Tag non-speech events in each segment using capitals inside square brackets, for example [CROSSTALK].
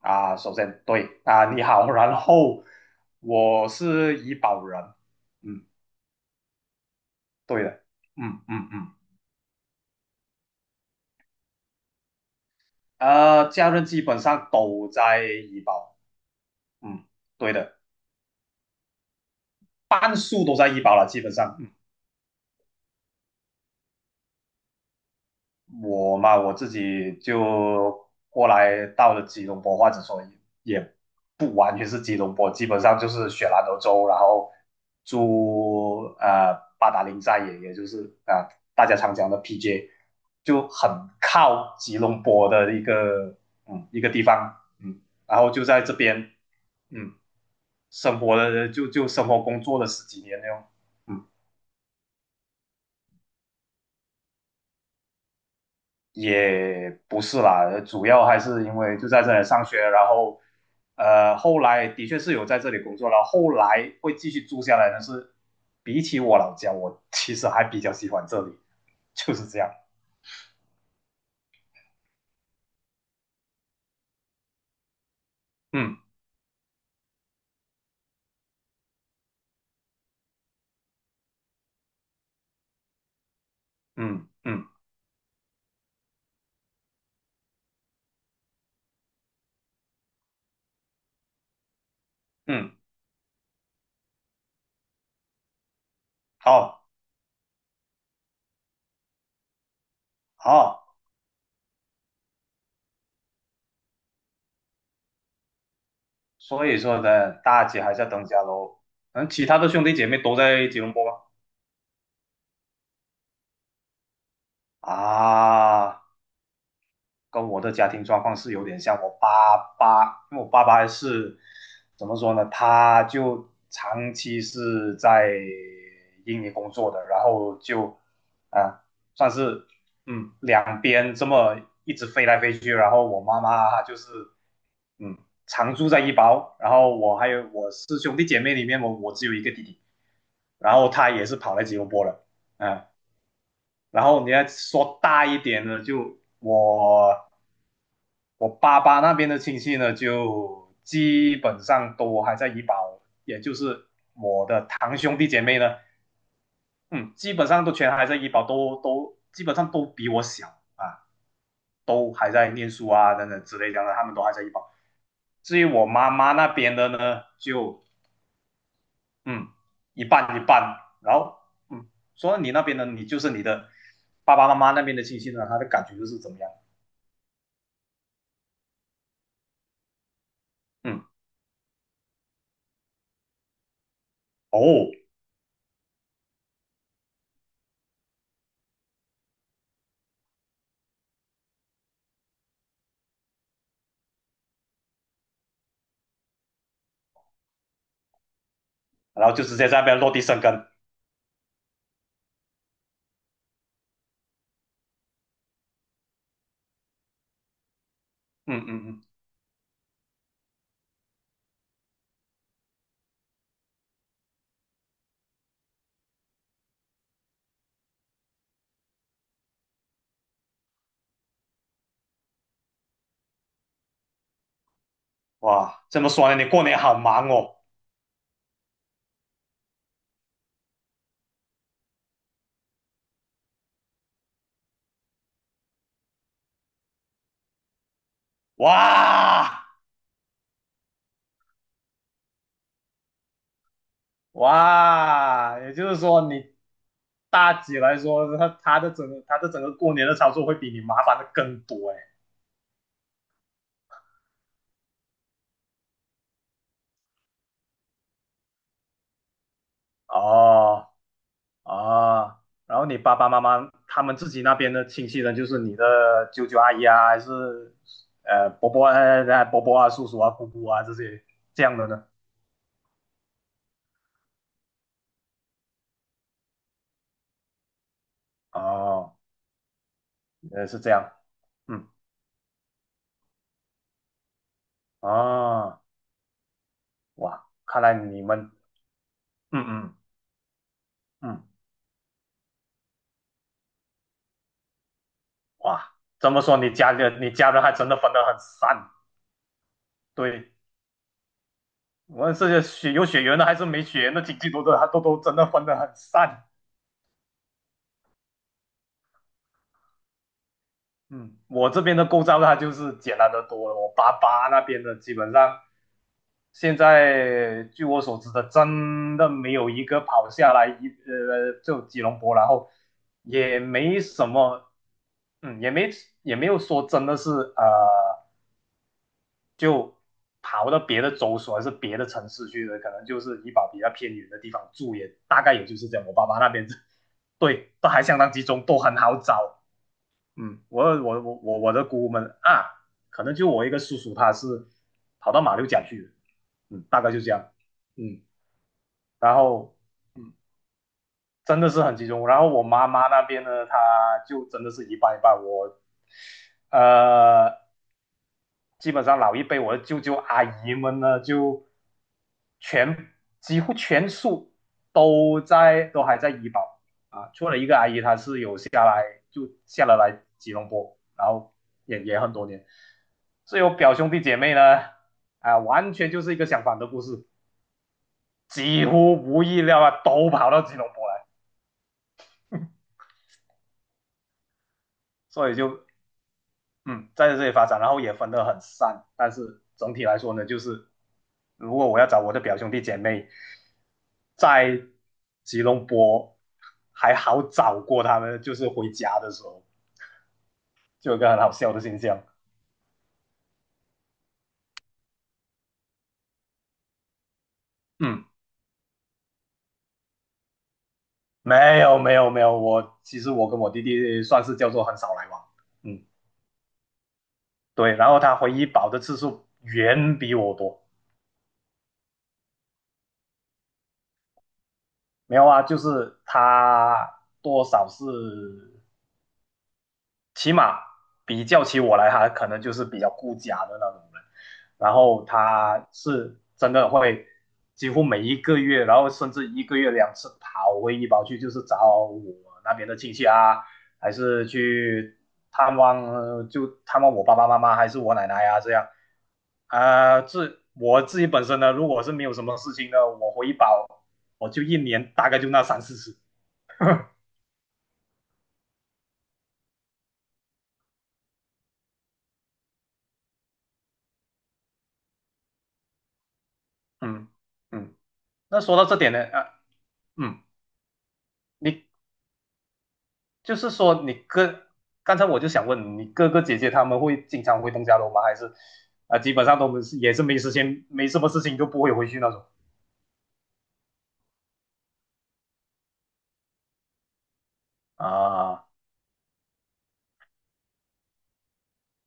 啊，首先对啊，你好，然后我是医保人。嗯，对的。嗯嗯嗯。家人基本上都在医保。嗯，对的。半数都在医保了，基本上。我嘛，我自己就过来到了吉隆坡，或者说也不完全是吉隆坡，基本上就是雪兰莪州，然后住八达岭寨也，也就是大家常讲的 PJ，就很靠吉隆坡的一个一个地方。嗯，然后就在这边嗯生活了就生活工作了十几年那种。嗯。也不是啦，主要还是因为就在这里上学，然后后来的确是有在这里工作了，后来会继续住下来但是，比起我老家，我其实还比较喜欢这里，就是这样。嗯嗯嗯嗯，好好，所以说呢，大姐还是要等家喽。嗯，其他的兄弟姐妹都在吉隆坡吗？啊。跟我的家庭状况是有点像。我爸爸，因为我爸爸是怎么说呢？他就长期是在印尼工作的，然后就啊，算是两边这么一直飞来飞去。然后我妈妈就是嗯常住在一包，然后我还有我是兄弟姐妹里面我只有一个弟弟，然后他也是跑来吉隆坡了。嗯、啊。然后你要说大一点的，就我爸爸那边的亲戚呢，就基本上都还在医保，也就是我的堂兄弟姐妹呢。嗯，基本上都全还在医保，都基本上都比我小啊，都还在念书啊等等之类的，他们都还在医保。至于我妈妈那边的呢，就嗯一半一半，然后嗯，说你那边呢，你就是你的爸爸妈妈那边的亲戚呢，他的感觉就是怎么样？嗯，哦，然后就直接在那边落地生根。嗯嗯嗯，哇，这么说呢，你过年好忙哦。哇哇，也就是说你大姐来说，她的整个过年的操作会比你麻烦的更多哎。哦哦，然后你爸爸妈妈他们自己那边的亲戚呢，就是你的舅舅阿姨啊，还是伯伯伯伯啊、叔叔啊、姑姑啊这些这样的呢？哦，是这样。嗯，哦。哇，看来你们，嗯嗯嗯，哇，怎么说你家人还真的分得很散。对，无论是血有血缘的还是没血缘的亲戚都真的分得很散。嗯我这边的构造它就是简单的多了，我爸爸那边的基本上现在据我所知的，真的没有一个跑下来就吉隆坡，然后也没什么。嗯，也没有说真的是呃。就跑到别的州所还是别的城市去的，可能就是怡保比较偏远的地方住也，大概也就是这样。我爸爸那边 [LAUGHS] 对，都还相当集中，都很好找。嗯，我我的姑姑们啊，可能就我一个叔叔他是跑到马六甲去的。嗯，大概就这样。嗯，然后嗯，真的是很集中。然后我妈妈那边呢，她就真的是一半一半。我呃，基本上老一辈我的舅舅阿姨们呢，就全几乎全数都还在医保啊，除了一个阿姨她是有下来就下了来吉隆坡，然后也也很多年。所以我表兄弟姐妹呢，啊，完全就是一个相反的故事，几乎无意料啊都跑到吉隆坡来，所以就嗯，在这里发展，然后也分得很散，但是整体来说呢，就是如果我要找我的表兄弟姐妹，在吉隆坡还好找过他们，就是回家的时候就有一个很好笑的现象。嗯，没有，我其实我跟我弟弟算是叫做很少来往。嗯，对，然后他回医保的次数远比我多。没有啊，就是他多少是起码比较起我来，他可能就是比较顾家的那种人。然后他是真的会几乎每一个月，然后甚至一个月两次跑回医保去，就是找我那边的亲戚啊，还是去探望，就探望我爸爸妈妈，还是我奶奶啊这样。啊，我自己本身呢，如果是没有什么事情呢，我回医保我就一年大概就那三四次。嗯嗯，那说到这点呢，嗯，你就是说你哥，刚才我就想问你哥哥姐姐他们会经常回东家楼吗？还是基本上都是也是没时间，没什么事情就不会回去那种啊。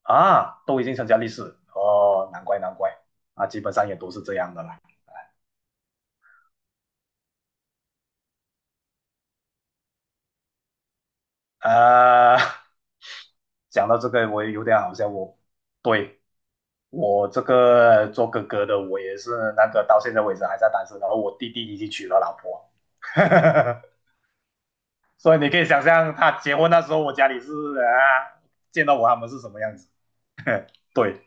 啊，都已经成家立室。哦，难怪难怪。啊，基本上也都是这样的啦。啊，讲到这个我也有点好笑，我对我这个做哥哥的我也是那个到现在为止还在单身，然后我弟弟已经娶了老婆。[LAUGHS] 所以你可以想象他结婚那时候，我家里是啊，见到我他们是什么样子。[LAUGHS] 对，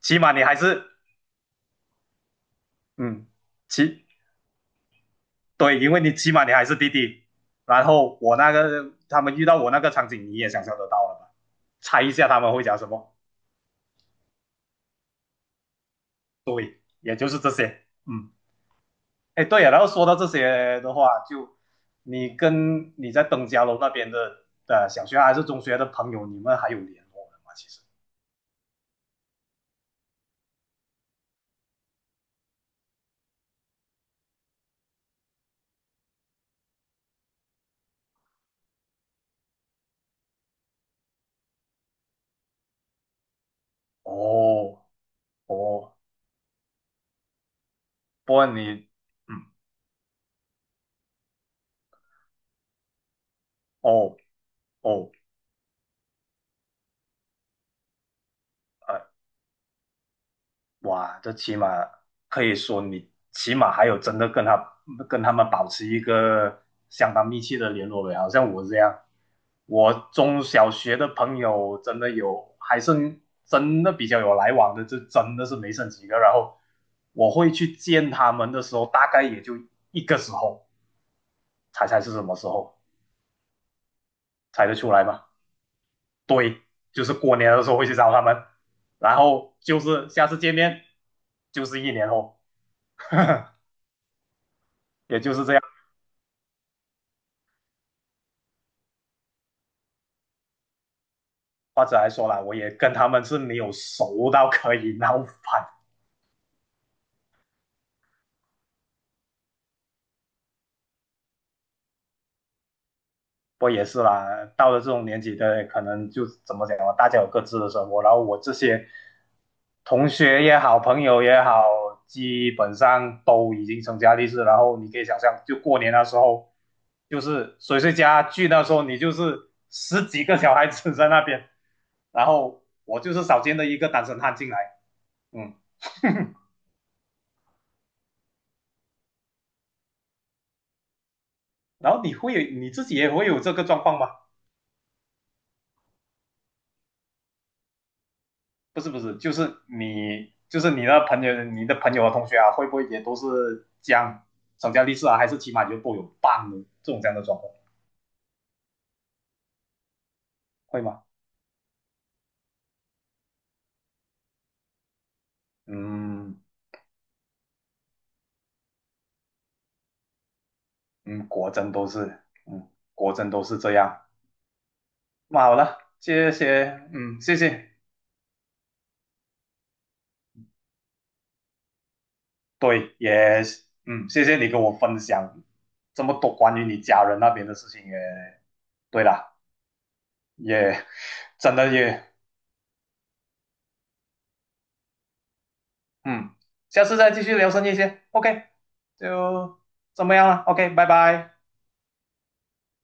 起码你还是嗯，起对，因为你起码你还是弟弟。然后我那个他们遇到我那个场景，你也想象得到了吧？猜一下他们会讲什么，也就是这些。嗯，哎，对呀、然后说到这些的话，就你跟你在登嘉楼那边的小学还是中学的朋友，你们还有联络的吗？其实，哦哦，不过你嗯。哦哦，呃，哇，这起码可以说你起码还有真的跟他跟他们保持一个相当密切的联络呗，好像我这样，我中小学的朋友真的有，还剩真的比较有来往的，就真的是没剩几个。然后我会去见他们的时候，大概也就一个时候，猜猜是什么时候，猜得出来吗？对，就是过年的时候会去找他们，然后就是下次见面就是一年后，[LAUGHS] 也就是这样。或者来说啦，我也跟他们是没有熟到可以闹翻不也是啦，到了这种年纪的，可能就怎么讲啊，大家有各自的生活，然后我这些同学也好，朋友也好，基本上都已经成家立室，然后你可以想象，就过年的时候，就是谁谁家聚那时候，你就是十几个小孩子在那边，然后我就是少见的一个单身汉进来。嗯，然后你会你自己也会有这个状况吗？不是不是，就是你的朋友和同学啊，会不会也都是这样，成家立室啊，还是起码就都有伴的这种这样的状况会吗？嗯嗯，果真都是，嗯，果真都是这样。那好了，谢谢，嗯，谢谢，对，也，嗯，谢谢你跟我分享这么多关于你家人那边的事情。也，对了，也真的也嗯，下次再继续聊深夜些。OK，就怎么样了？OK，拜拜。